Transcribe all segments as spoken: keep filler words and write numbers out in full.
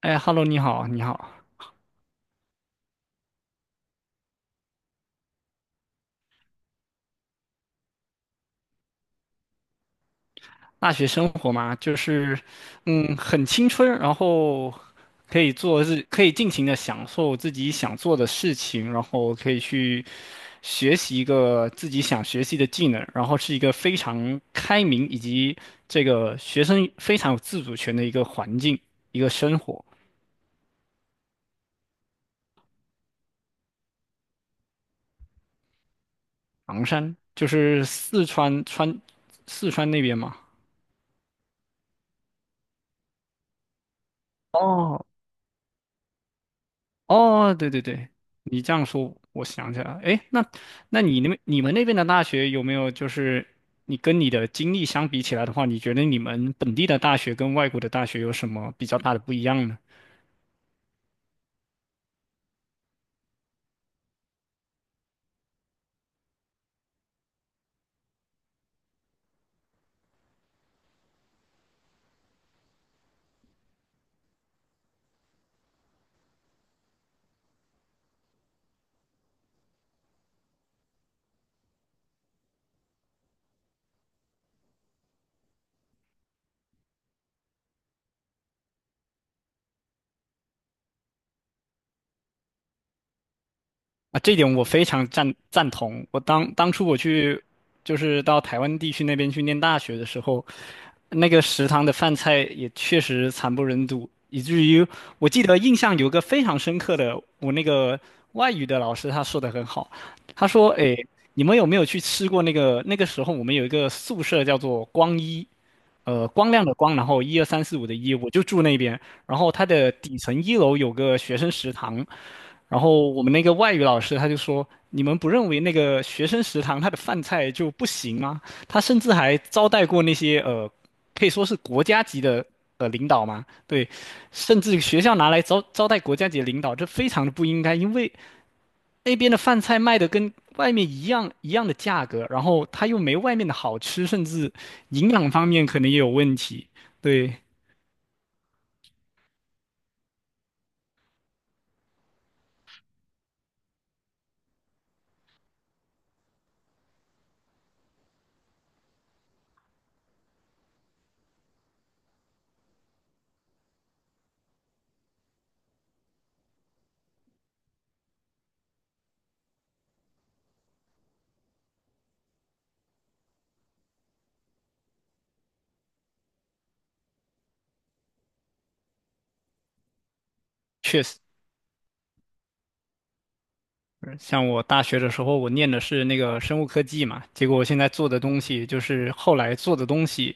哎，Hello，你好，你好。大学生活嘛，就是，嗯，很青春，然后可以做自，可以尽情的享受自己想做的事情，然后可以去学习一个自己想学习的技能，然后是一个非常开明以及这个学生非常有自主权的一个环境，一个生活。昂山就是四川川，四川那边嘛。哦，哦，对对对，你这样说，我想起来了。哎，那那你那边你们那边的大学有没有就是你跟你的经历相比起来的话，你觉得你们本地的大学跟外国的大学有什么比较大的不一样呢？啊，这点我非常赞赞同。我当当初我去，就是到台湾地区那边去念大学的时候，那个食堂的饭菜也确实惨不忍睹，以至于我记得印象有个非常深刻的，我那个外语的老师他说的很好，他说：“诶，你们有没有去吃过那个？那个时候我们有一个宿舍叫做光一，呃，光亮的光，然后一二三四五的一，我就住那边。然后它的底层一楼有个学生食堂。”然后我们那个外语老师他就说：“你们不认为那个学生食堂他的饭菜就不行吗？他甚至还招待过那些呃，可以说是国家级的呃领导嘛。对，甚至学校拿来招招待国家级的领导，这非常的不应该，因为那边的饭菜卖的跟外面一样一样的价格，然后它又没外面的好吃，甚至营养方面可能也有问题。对，确实。”像我大学的时候，我念的是那个生物科技嘛，结果我现在做的东西就是后来做的东西，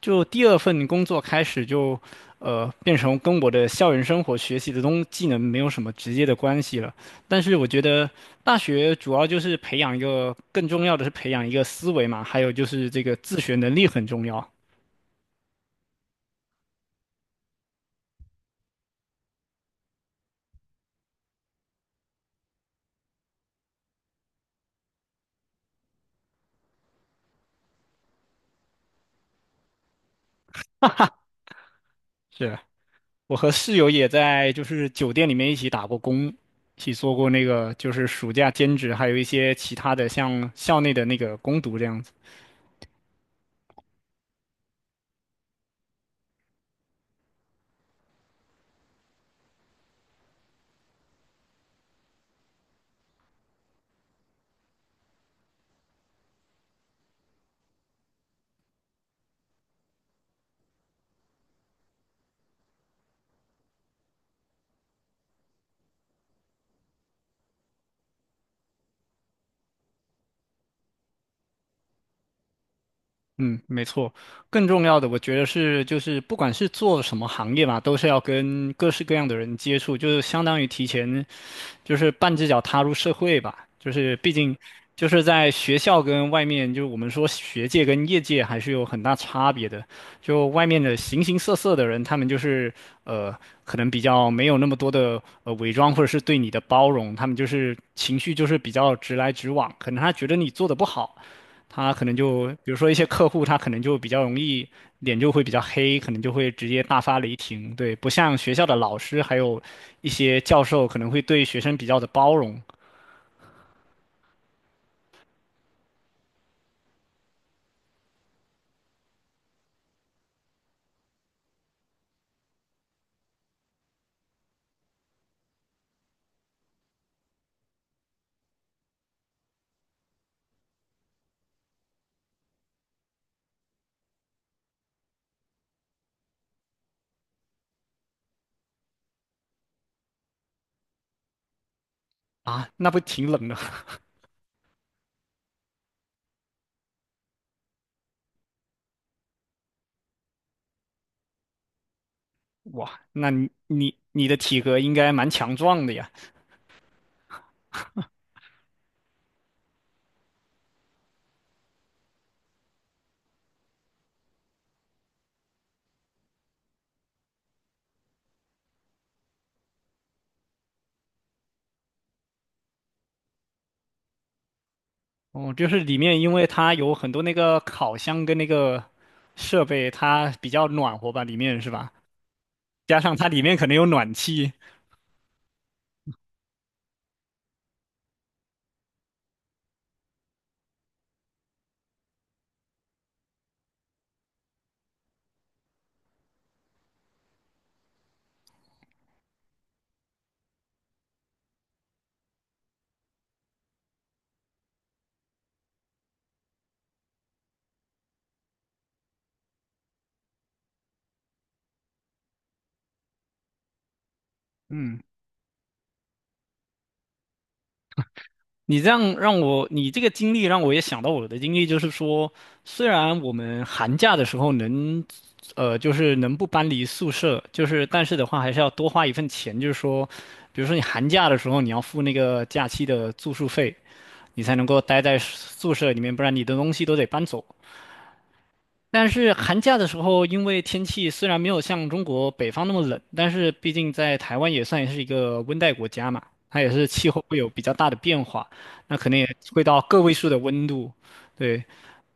就第二份工作开始就，呃，变成跟我的校园生活学习的东技能没有什么直接的关系了。但是我觉得大学主要就是培养一个，更重要的是培养一个思维嘛，还有就是这个自学能力很重要。是。我和室友也在就是酒店里面一起打过工，一起做过那个就是暑假兼职，还有一些其他的像校内的那个攻读这样子。嗯，没错。更重要的，我觉得是就是不管是做什么行业吧，都是要跟各式各样的人接触，就是相当于提前就是半只脚踏入社会吧，就是毕竟就是在学校跟外面，就是我们说学界跟业界还是有很大差别的。就外面的形形色色的人，他们就是呃，可能比较没有那么多的呃伪装，或者是对你的包容，他们就是情绪就是比较直来直往，可能他觉得你做的不好。他可能就比如说一些客户，他可能就比较容易脸就会比较黑，可能就会直接大发雷霆。对，不像学校的老师，还有一些教授可能会对学生比较的包容啊，那不挺冷的？哇，那你你你的体格应该蛮强壮的呀。哦，就是里面因为它有很多那个烤箱跟那个设备，它比较暖和吧，里面是吧？加上它里面可能有暖气，嗯。你这样让我，你这个经历让我也想到我的经历，就是说，虽然我们寒假的时候能，呃，就是能不搬离宿舍，就是但是的话还是要多花一份钱，就是说，比如说你寒假的时候你要付那个假期的住宿费，你才能够待在宿舍里面，不然你的东西都得搬走。但是寒假的时候，因为天气虽然没有像中国北方那么冷，但是毕竟在台湾也算是一个温带国家嘛，它也是气候会有比较大的变化，那可能也会到个位数的温度。对，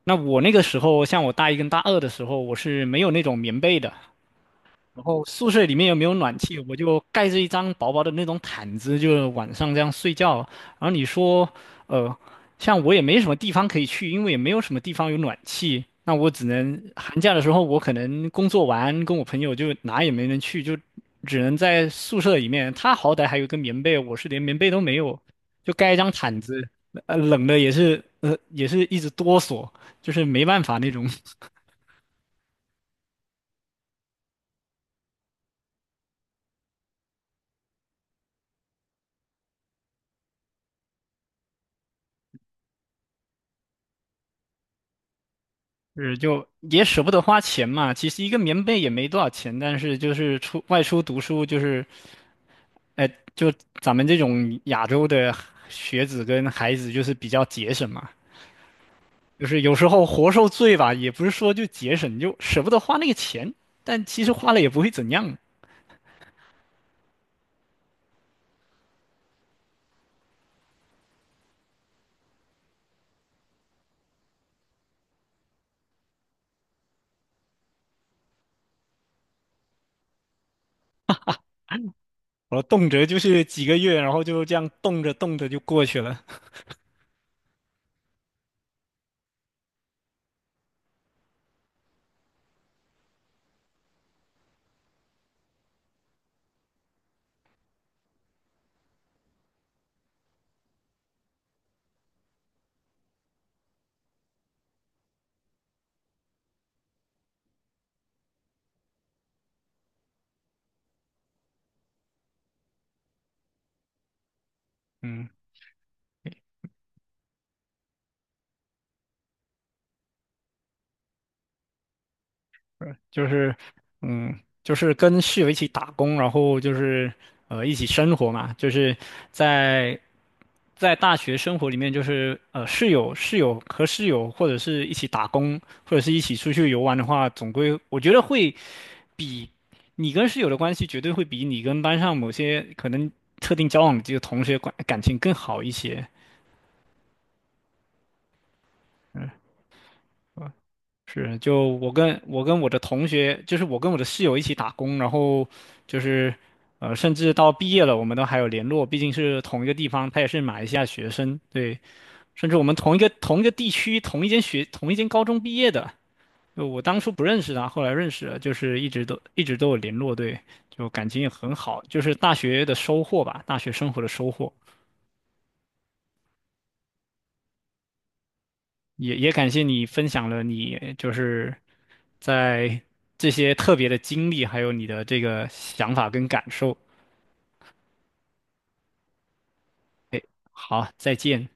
那我那个时候，像我大一跟大二的时候，我是没有那种棉被的，然后宿舍里面又没有暖气，我就盖着一张薄薄的那种毯子，就晚上这样睡觉。然后你说，呃，像我也没什么地方可以去，因为也没有什么地方有暖气，那我只能寒假的时候，我可能工作完跟我朋友就哪也没能去，就只能在宿舍里面。他好歹还有个棉被，我是连棉被都没有，就盖一张毯子，呃，冷的也是，呃，也是一直哆嗦，就是没办法那种。是，就也舍不得花钱嘛。其实一个棉被也没多少钱，但是就是出外出读书，就是，哎、就咱们这种亚洲的学子跟孩子，就是比较节省嘛。就是有时候活受罪吧，也不是说就节省，就舍不得花那个钱，但其实花了也不会怎样。我动辄就是几个月，然后就这样动着动着就过去了。嗯。就是，嗯，就是跟室友一起打工，然后就是呃一起生活嘛，就是在在大学生活里面，就是呃室友室友和室友或者是一起打工，或者是一起出去游玩的话，总归我觉得会比你跟室友的关系绝对会比你跟班上某些可能特定交往的这个同学关感情更好一些。嗯。是，就我跟我跟我的同学，就是我跟我的室友一起打工，然后就是，呃，甚至到毕业了，我们都还有联络，毕竟是同一个地方，他也是马来西亚学生，对，甚至我们同一个同一个地区、同一间学、同一间高中毕业的，就我当初不认识他，后来认识了，就是一直都一直都有联络，对，就感情也很好，就是大学的收获吧，大学生活的收获。也也感谢你分享了你就是在这些特别的经历，还有你的这个想法跟感受。好，再见。